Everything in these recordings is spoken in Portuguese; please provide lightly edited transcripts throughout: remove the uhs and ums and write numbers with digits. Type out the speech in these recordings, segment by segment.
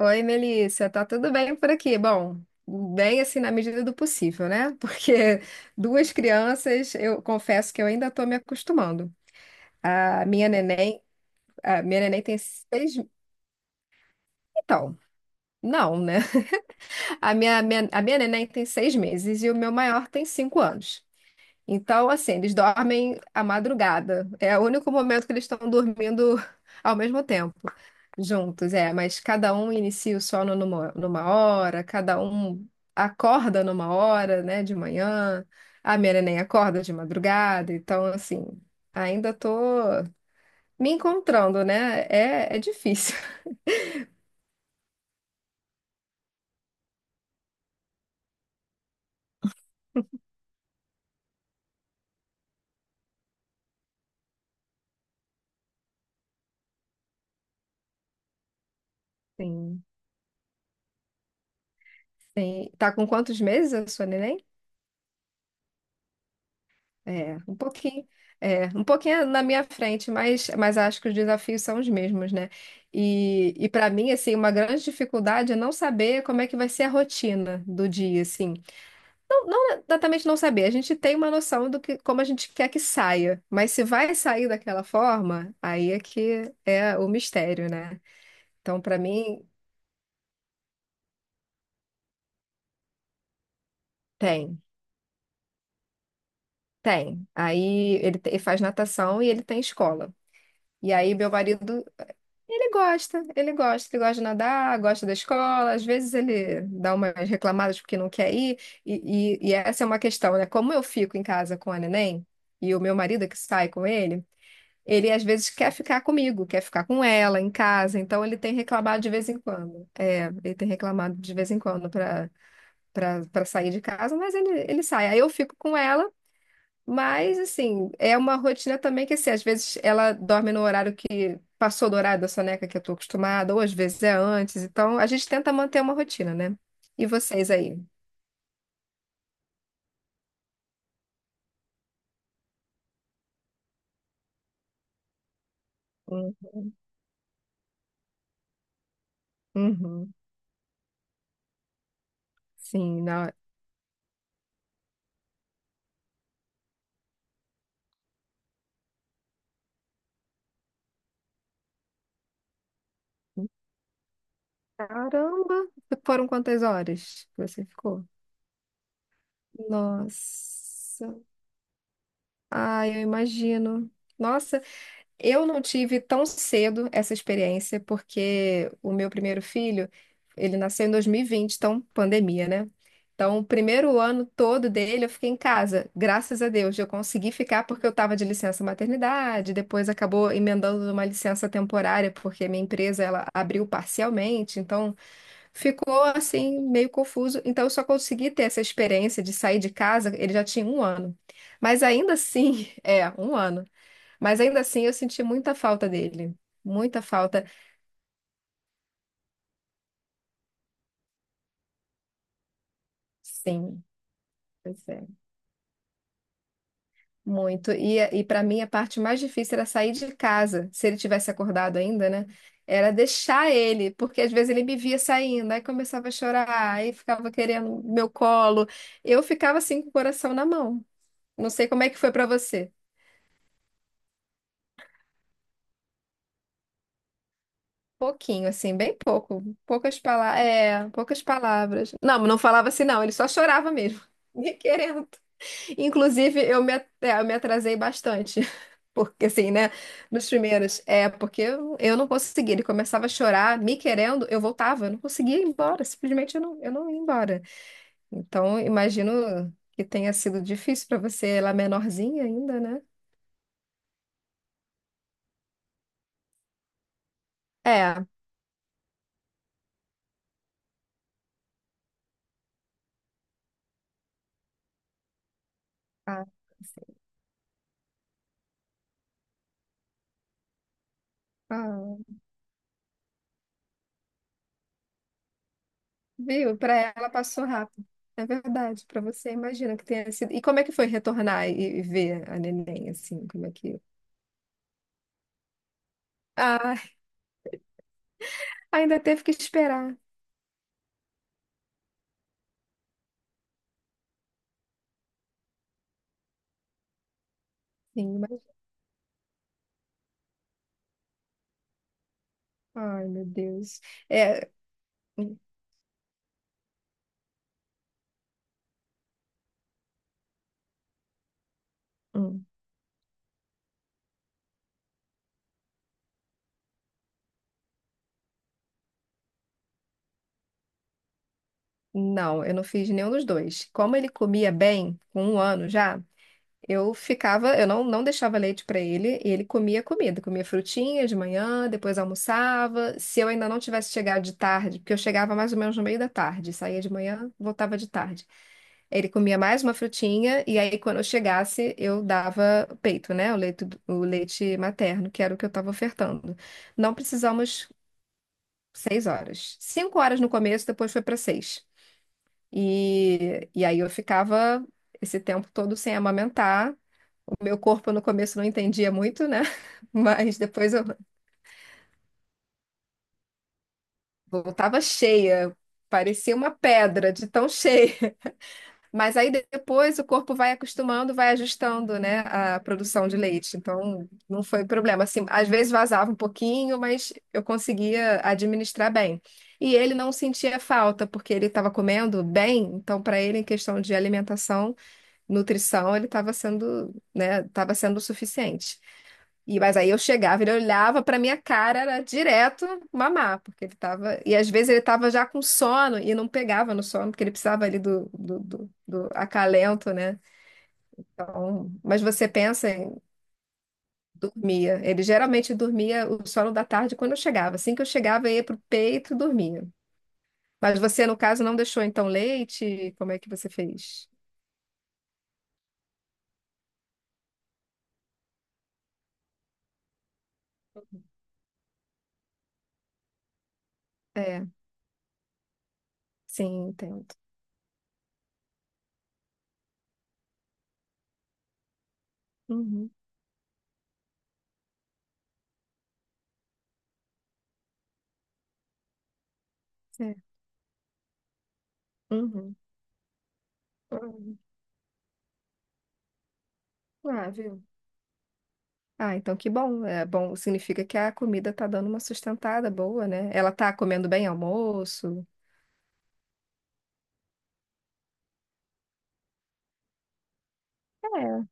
Oi, Melissa, tá tudo bem por aqui? Bom, bem assim na medida do possível, né? Porque duas crianças, eu confesso que eu ainda tô me acostumando. A minha neném, a minha neném tem seis, então, não, né? A minha neném tem seis meses e o meu maior tem cinco anos. Então, assim, eles dormem à madrugada. É o único momento que eles estão dormindo ao mesmo tempo, juntos, é. Mas cada um inicia o sono numa hora, cada um acorda numa hora, né, de manhã. A minha neném acorda de madrugada. Então, assim, ainda tô me encontrando, né? É difícil. Sim. Sim. Tá com quantos meses a sua neném? É, um pouquinho, é, um pouquinho na minha frente, mas acho que os desafios são os mesmos, né? E para mim, assim, uma grande dificuldade é não saber como é que vai ser a rotina do dia, assim. Não, não exatamente não saber, a gente tem uma noção do que, como a gente quer que saia, mas se vai sair daquela forma, aí é que é o mistério, né? Então, para mim, tem, tem. Aí ele, ele faz natação e ele tem escola. E aí meu marido ele gosta, ele gosta, ele gosta de nadar, gosta da escola, às vezes ele dá umas reclamadas porque não quer ir, e essa é uma questão, né? Como eu fico em casa com a neném, e o meu marido é que sai com ele, ele às vezes quer ficar comigo, quer ficar com ela em casa, então ele tem reclamado de vez em quando. É, ele tem reclamado de vez em quando para sair de casa, mas ele sai. Aí eu fico com ela. Mas, assim, é uma rotina também que, assim, às vezes ela dorme no horário que passou do horário da soneca que eu tô acostumada, ou às vezes é antes. Então, a gente tenta manter uma rotina, né? E vocês aí? Hum. Uhum. Sim, na... Caramba! Foram quantas horas que você ficou? Nossa! Ai, eu imagino. Nossa, eu não tive tão cedo essa experiência, porque o meu primeiro filho, ele nasceu em 2020, então pandemia, né? Então, o primeiro ano todo dele eu fiquei em casa. Graças a Deus, eu consegui ficar porque eu estava de licença maternidade, depois acabou emendando uma licença temporária, porque minha empresa ela abriu parcialmente, então ficou assim meio confuso. Então, eu só consegui ter essa experiência de sair de casa, ele já tinha um ano. Mas ainda assim, é, um ano. Mas ainda assim eu senti muita falta dele. Muita falta. Sim, pois é. Muito. E para mim a parte mais difícil era sair de casa, se ele tivesse acordado ainda, né? Era deixar ele, porque às vezes ele me via saindo, aí começava a chorar, aí ficava querendo meu colo. Eu ficava assim com o coração na mão. Não sei como é que foi para você. Pouquinho, assim, bem pouco. Poucas palavras. É, poucas palavras. Não, não falava assim, não, ele só chorava mesmo. Me querendo. Inclusive, é, eu me atrasei bastante. Porque assim, né? Nos primeiros. É, porque eu não conseguia. Ele começava a chorar, me querendo, eu voltava. Eu não conseguia ir embora. Simplesmente eu não ia embora. Então, imagino que tenha sido difícil para você, ela menorzinha ainda, né? É. Ah, sim. Ah, viu? Para ela passou rápido. É verdade, para você, imagina que tenha sido. E como é que foi retornar e ver a neném, assim? Como é que. Ah, ainda teve que esperar. Sim, ai, meu Deus. É, hum, hum, não, eu não fiz nenhum dos dois. Como ele comia bem, com um ano já, eu não, não deixava leite para ele, e ele comia comida, comia frutinha de manhã, depois almoçava. Se eu ainda não tivesse chegado de tarde, porque eu chegava mais ou menos no meio da tarde, saía de manhã, voltava de tarde. Ele comia mais uma frutinha, e aí quando eu chegasse, eu dava peito, né? O leite materno, que era o que eu estava ofertando. Não precisamos seis horas. Cinco horas no começo, depois foi para seis. E aí eu ficava esse tempo todo sem amamentar. O meu corpo no começo não entendia muito, né? Mas depois eu voltava cheia, parecia uma pedra de tão cheia. Mas aí depois o corpo vai acostumando, vai ajustando, né, a produção de leite. Então, não foi problema. Assim, às vezes vazava um pouquinho, mas eu conseguia administrar bem. E ele não sentia falta, porque ele estava comendo bem. Então, para ele, em questão de alimentação, nutrição, ele estava sendo, né, estava sendo o suficiente. E, mas aí eu chegava, ele olhava pra minha cara, era direto mamar, porque ele tava. E às vezes ele tava já com sono e não pegava no sono, porque ele precisava ali do acalento, né? Então, mas você pensa em dormia. Ele geralmente dormia o sono da tarde quando eu chegava. Assim que eu chegava, eu ia pro peito e dormia. Mas você, no caso, não deixou então leite? Como é que você fez? É, sim, entendo. Uhum, é, uhum, uhum. Ah, viu? Ah, então que bom. É bom, significa que a comida tá dando uma sustentada boa, né? Ela tá comendo bem almoço. É.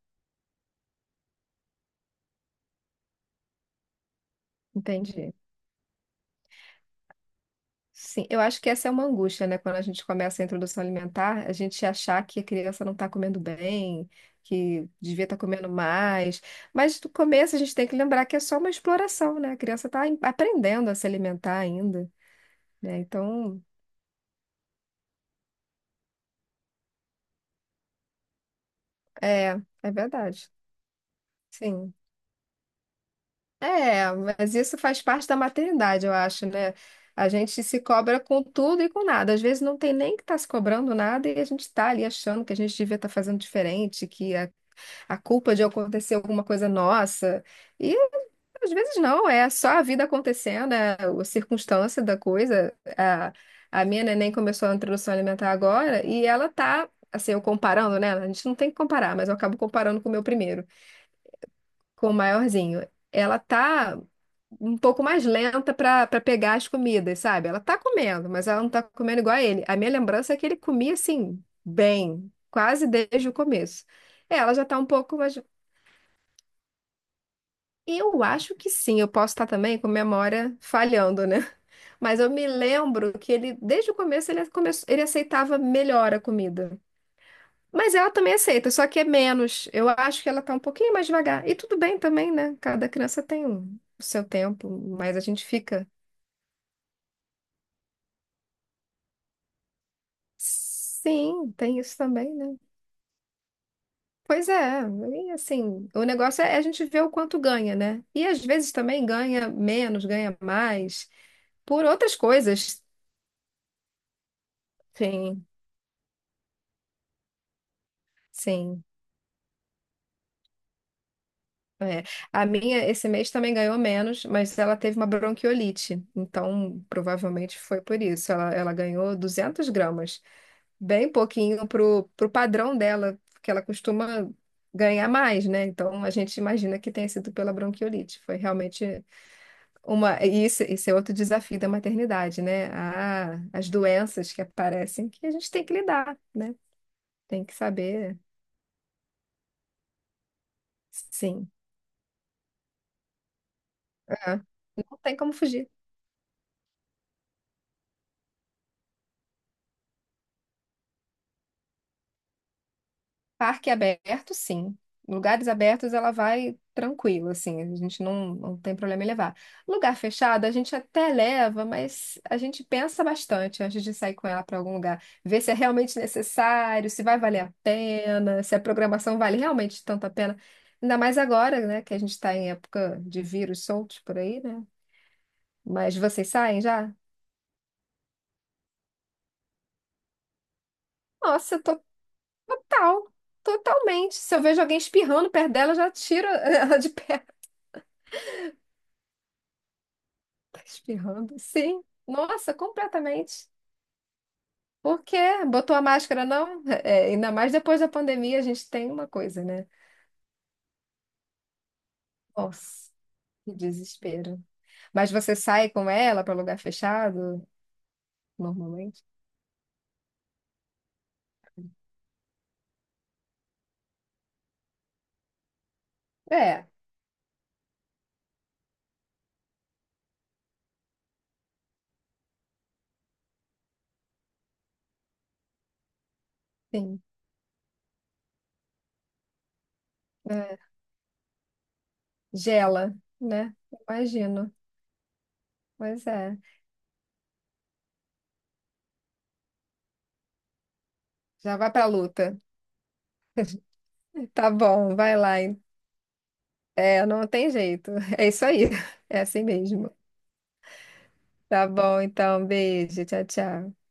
Entendi. Sim, eu acho que essa é uma angústia, né? Quando a gente começa a introdução alimentar, a gente achar que a criança não está comendo bem, que devia estar comendo mais. Mas no começo a gente tem que lembrar que é só uma exploração, né? A criança está aprendendo a se alimentar ainda, né? Então, é, é verdade. Sim. É, mas isso faz parte da maternidade, eu acho, né? A gente se cobra com tudo e com nada. Às vezes não tem nem que estar tá se cobrando nada e a gente está ali achando que a gente devia estar fazendo diferente, que a culpa de acontecer alguma coisa é nossa. E às vezes não, é só a vida acontecendo, é a circunstância da coisa. A minha neném começou a introdução alimentar agora e ela tá, assim, eu comparando, né? A gente não tem que comparar, mas eu acabo comparando com o meu primeiro com o maiorzinho, ela tá um pouco mais lenta pra para pegar as comidas, sabe? Ela tá comendo, mas ela não tá comendo igual a ele. A minha lembrança é que ele comia assim, bem, quase desde o começo. Ela já tá um pouco mais. Eu acho que sim, eu posso estar também com memória falhando, né? Mas eu me lembro que ele, desde o começo, ele aceitava melhor a comida. Mas ela também aceita, só que é menos. Eu acho que ela tá um pouquinho mais devagar. E tudo bem também, né? Cada criança tem o seu tempo, mas a gente fica. Sim, tem isso também, né? Pois é, e assim, o negócio é a gente ver o quanto ganha, né? E às vezes também ganha menos, ganha mais, por outras coisas. Sim, sim. É. A minha esse mês também ganhou menos, mas ela teve uma bronquiolite, então provavelmente foi por isso. Ela ganhou 200 gramas. Bem pouquinho pro, pro padrão dela, porque ela costuma ganhar mais, né? Então a gente imagina que tenha sido pela bronquiolite. Foi realmente uma. E isso é outro desafio da maternidade, né? Ah, as doenças que aparecem que a gente tem que lidar, né? Tem que saber. Sim. É. Não tem como fugir. Parque aberto, sim. Lugares abertos, ela vai tranquila, assim. A gente não, não tem problema em levar. Lugar fechado, a gente até leva, mas a gente pensa bastante antes de sair com ela para algum lugar. Ver se é realmente necessário, se vai valer a pena, se a programação vale realmente tanto a pena. Ainda mais agora, né, que a gente está em época de vírus soltos por aí, né? Mas vocês saem já? Nossa, to- total. Totalmente. Se eu vejo alguém espirrando perto dela, eu já tiro ela de perto. Tá espirrando? Sim. Nossa, completamente. Por quê? Botou a máscara, não? É, ainda mais depois da pandemia, a gente tem uma coisa, né? Nossa, que desespero. Mas você sai com ela para lugar fechado, normalmente? É, sim. É, gela, né? Imagino. Pois é. Já vai pra luta. Tá bom, vai lá. Hein? É, não tem jeito. É isso aí. É assim mesmo. Tá bom, então. Beijo. Tchau, tchau.